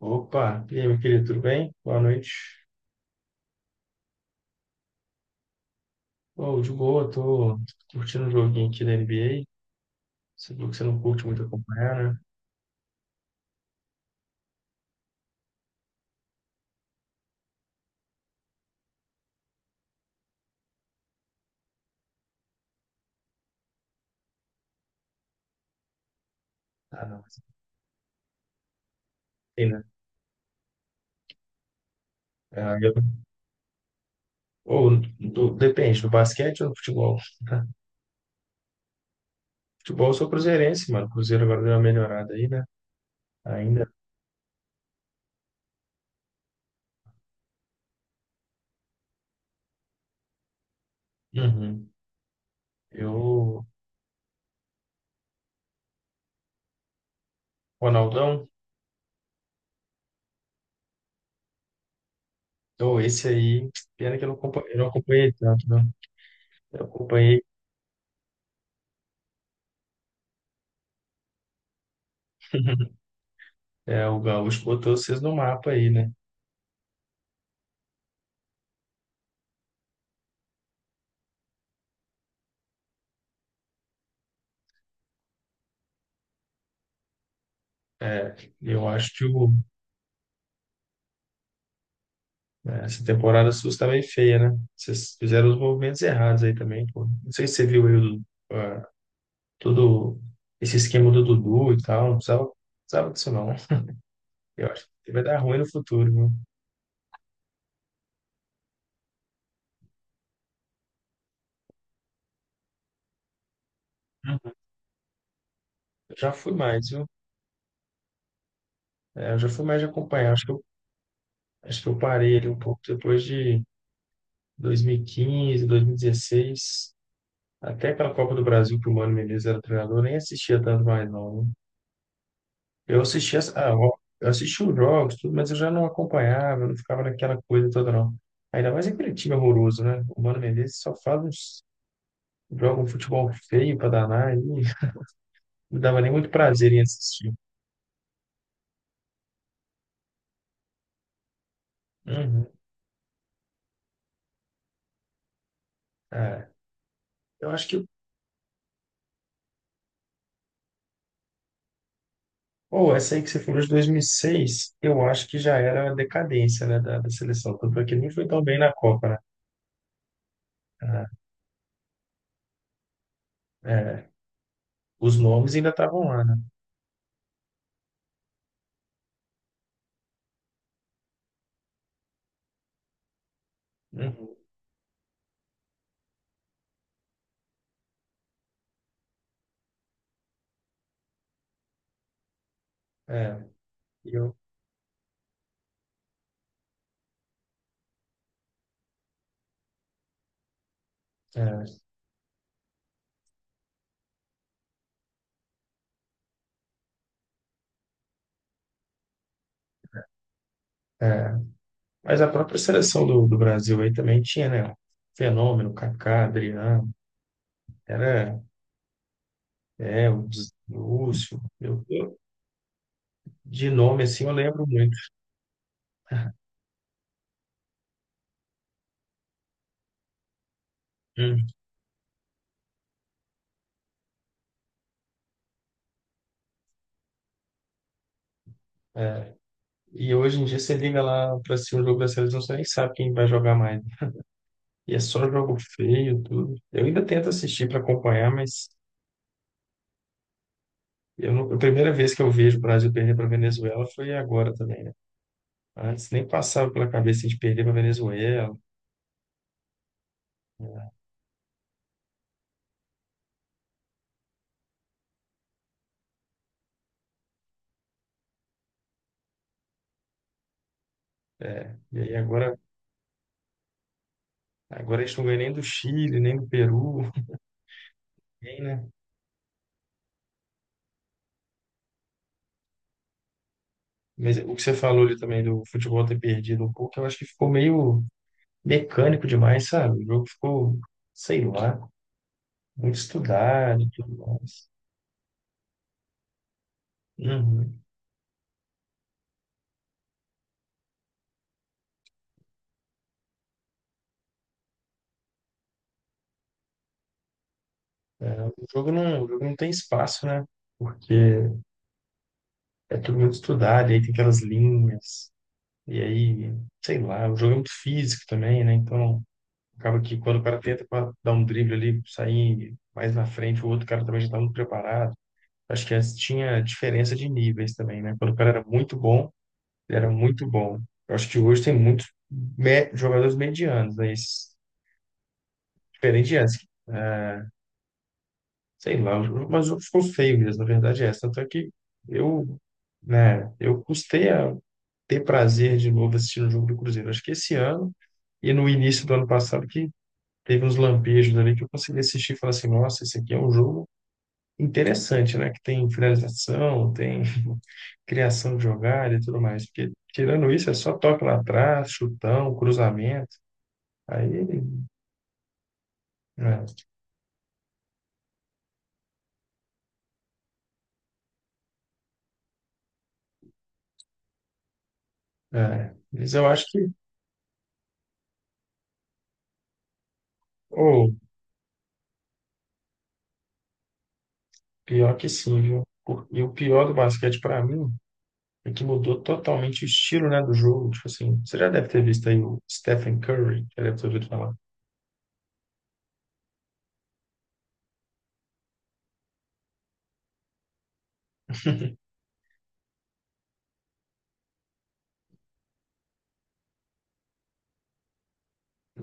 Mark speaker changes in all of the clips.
Speaker 1: Opa, e aí, meu querido, tudo bem? Boa noite. Oh, de boa, tô curtindo um joguinho aqui da NBA. Você viu que você não curte muito acompanhar, né? Ah, não, mas tem, né? Ah, eu. Ou, depende, do basquete ou do futebol? Futebol eu sou cruzeirense, mano. Cruzeiro agora deu uma melhorada aí, né? Ainda. Uhum. Eu, Ronaldão, oh, esse aí, pena que eu não acompanhei tanto, né? Eu acompanhei, É, o Gaúcho botou vocês no mapa aí, né? É, eu acho que o É, essa temporada sua está bem feia, né? Vocês fizeram os movimentos errados aí também, pô. Não sei se você viu aí ah, todo esse esquema do Dudu e tal. Precisava disso, não, né? Eu acho que vai dar ruim no futuro, viu? Uhum. Eu já fui mais, viu? É, eu já fui mais de acompanhar. Acho que eu parei ali um pouco depois de 2015, 2016. Até aquela Copa do Brasil que o Mano Menezes era treinador, eu nem assistia tanto mais, não, né? Eu assistia os jogos, tudo, mas eu já não acompanhava, eu não ficava naquela coisa toda, não. Ainda mais aquele time horroroso, né? O Mano Menezes joga um futebol feio pra danar e não dava nem muito prazer em assistir. Uhum. É, eu acho que, ou essa aí que você falou de 2006, eu acho que já era a decadência, né, da seleção, tanto é que não foi tão bem na Copa, né? É, é, os nomes ainda estavam lá, né? Uhum. É, e eu, é, é. Mas a própria seleção do Brasil aí também tinha, né? Um Fenômeno, Kaká, Adriano, era o Lúcio. De nome assim eu lembro muito. Hum. É, e hoje em dia você liga lá para assistir um jogo da seleção, você nem sabe quem vai jogar mais. E é só jogo feio, tudo. Eu ainda tento assistir para acompanhar, mas eu não- a primeira vez que eu vejo o Brasil perder para Venezuela foi agora também, né? Antes nem passava pela cabeça de perder para Venezuela. Né? É, E aí agora Agora a gente não ganha nem do Chile, nem do Peru, nem, né? Mas o que você falou ali também do futebol ter perdido um pouco, eu acho que ficou meio mecânico demais, sabe? O jogo ficou, sei lá, muito estudado e tudo mais. Uhum. O jogo não tem espaço, né? Porque é tudo muito estudado, e aí tem aquelas linhas, e aí, sei lá, o jogo é muito físico também, né? Então, acaba que quando o cara tenta dar um drible ali, sair mais na frente, o outro cara também já tá muito preparado. Acho que antes tinha diferença de níveis também, né? Quando o cara era muito bom, ele era muito bom. Eu acho que hoje tem muitos jogadores medianos, né? Diferente de antes. É, sei lá, mas ficou feio mesmo, na verdade é essa. Tanto é que eu, né, eu custei a ter prazer de novo assistindo o jogo do Cruzeiro. Acho que esse ano e no início do ano passado que teve uns lampejos ali que eu consegui assistir e falar assim, nossa, esse aqui é um jogo interessante, né? Que tem finalização, tem criação de jogada e tudo mais. Porque, tirando isso, é só toque lá atrás, chutão, cruzamento. Aí, é, é. Mas eu acho que, ou, pior que sim, viu? E o pior do basquete para mim é que mudou totalmente o estilo, né, do jogo. Tipo assim, você já deve ter visto aí o Stephen Curry, já deve ter ouvido falar.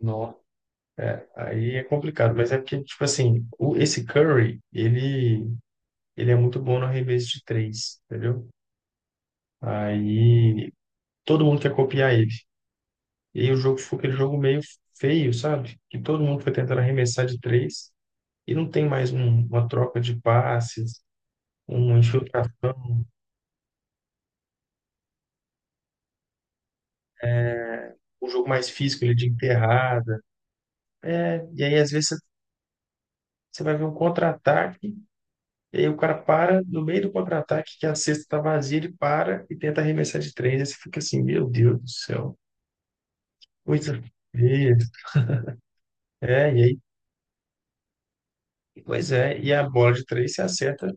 Speaker 1: Não. Aí é complicado, mas é porque, tipo assim, esse Curry, ele é muito bom no arremesso de três, entendeu? Aí todo mundo quer copiar ele. E aí o jogo ficou aquele jogo meio feio, sabe? Que todo mundo foi tentando arremessar de três e não tem mais uma troca de passes, uma infiltração, um jogo mais físico ele de enterrada. É, e aí às vezes você vai ver um contra-ataque e aí o cara para no meio do contra-ataque que a cesta tá vazia, ele para e tenta arremessar de três. Aí você fica assim, meu Deus do céu, coisa feia. É, e aí, pois é, e a bola de três você acerta.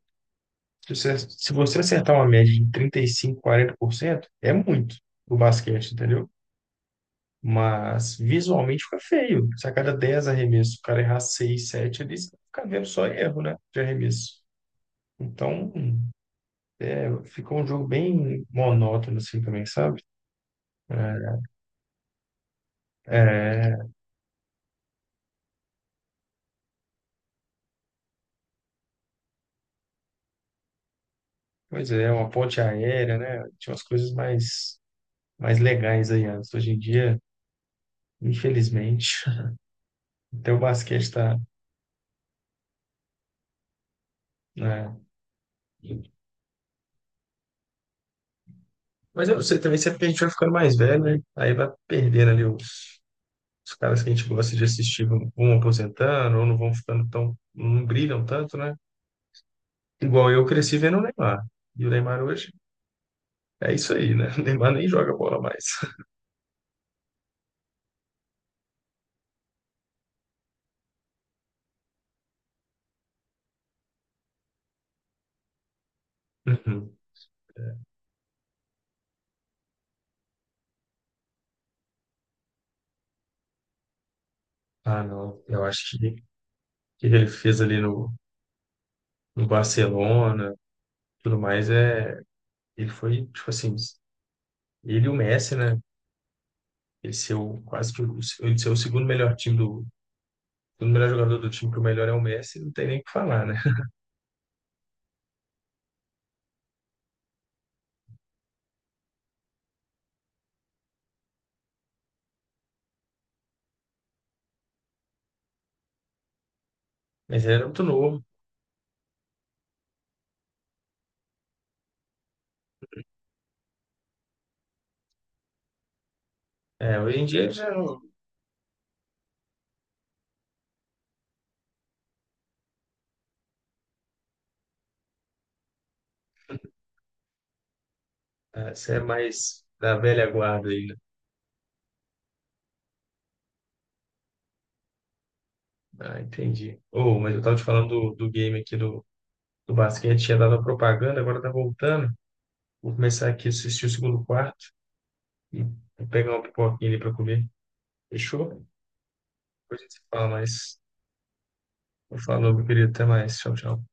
Speaker 1: Se você acertar uma média de 35, 40%, é muito o basquete, entendeu? Mas visualmente fica feio. Se a cada 10 arremessos o cara errar 6, 7, ali, você fica vendo só erro, né? De arremesso. Então, ficou um jogo bem monótono, assim, também, sabe? É, é, pois é, uma ponte aérea, né? Tinha umas coisas mais legais aí antes. Hoje em dia, infelizmente, até o basquete tá, né. Mas eu sei também, sempre que a gente vai ficando mais velho, né? Aí vai perdendo ali os caras que a gente gosta de assistir, vão aposentando ou não vão ficando tão, não brilham tanto, né? Igual eu cresci vendo o Neymar. E o Neymar hoje é isso aí, né? O Neymar nem joga bola mais. Uhum. Ah, não. Eu acho que o que ele fez ali no Barcelona, tudo mais, é. Ele foi, tipo assim, ele e o Messi, né? Ele ser o segundo melhor time do. O melhor jogador do time, que o melhor é o Messi, não tem nem o que falar, né? Mas era muito novo. É, hoje em dia ele já não. Ah, você é mais da velha guarda aí, né? Ah, entendi. Oh, mas eu tava te falando do game aqui do basquete, tinha dado a propaganda, agora tá voltando. Vou começar aqui a assistir o segundo quarto e vou pegar uma pipoquinha ali pra comer. Fechou? Depois a gente se fala mais. Falou, meu querido. Até mais. Tchau, tchau.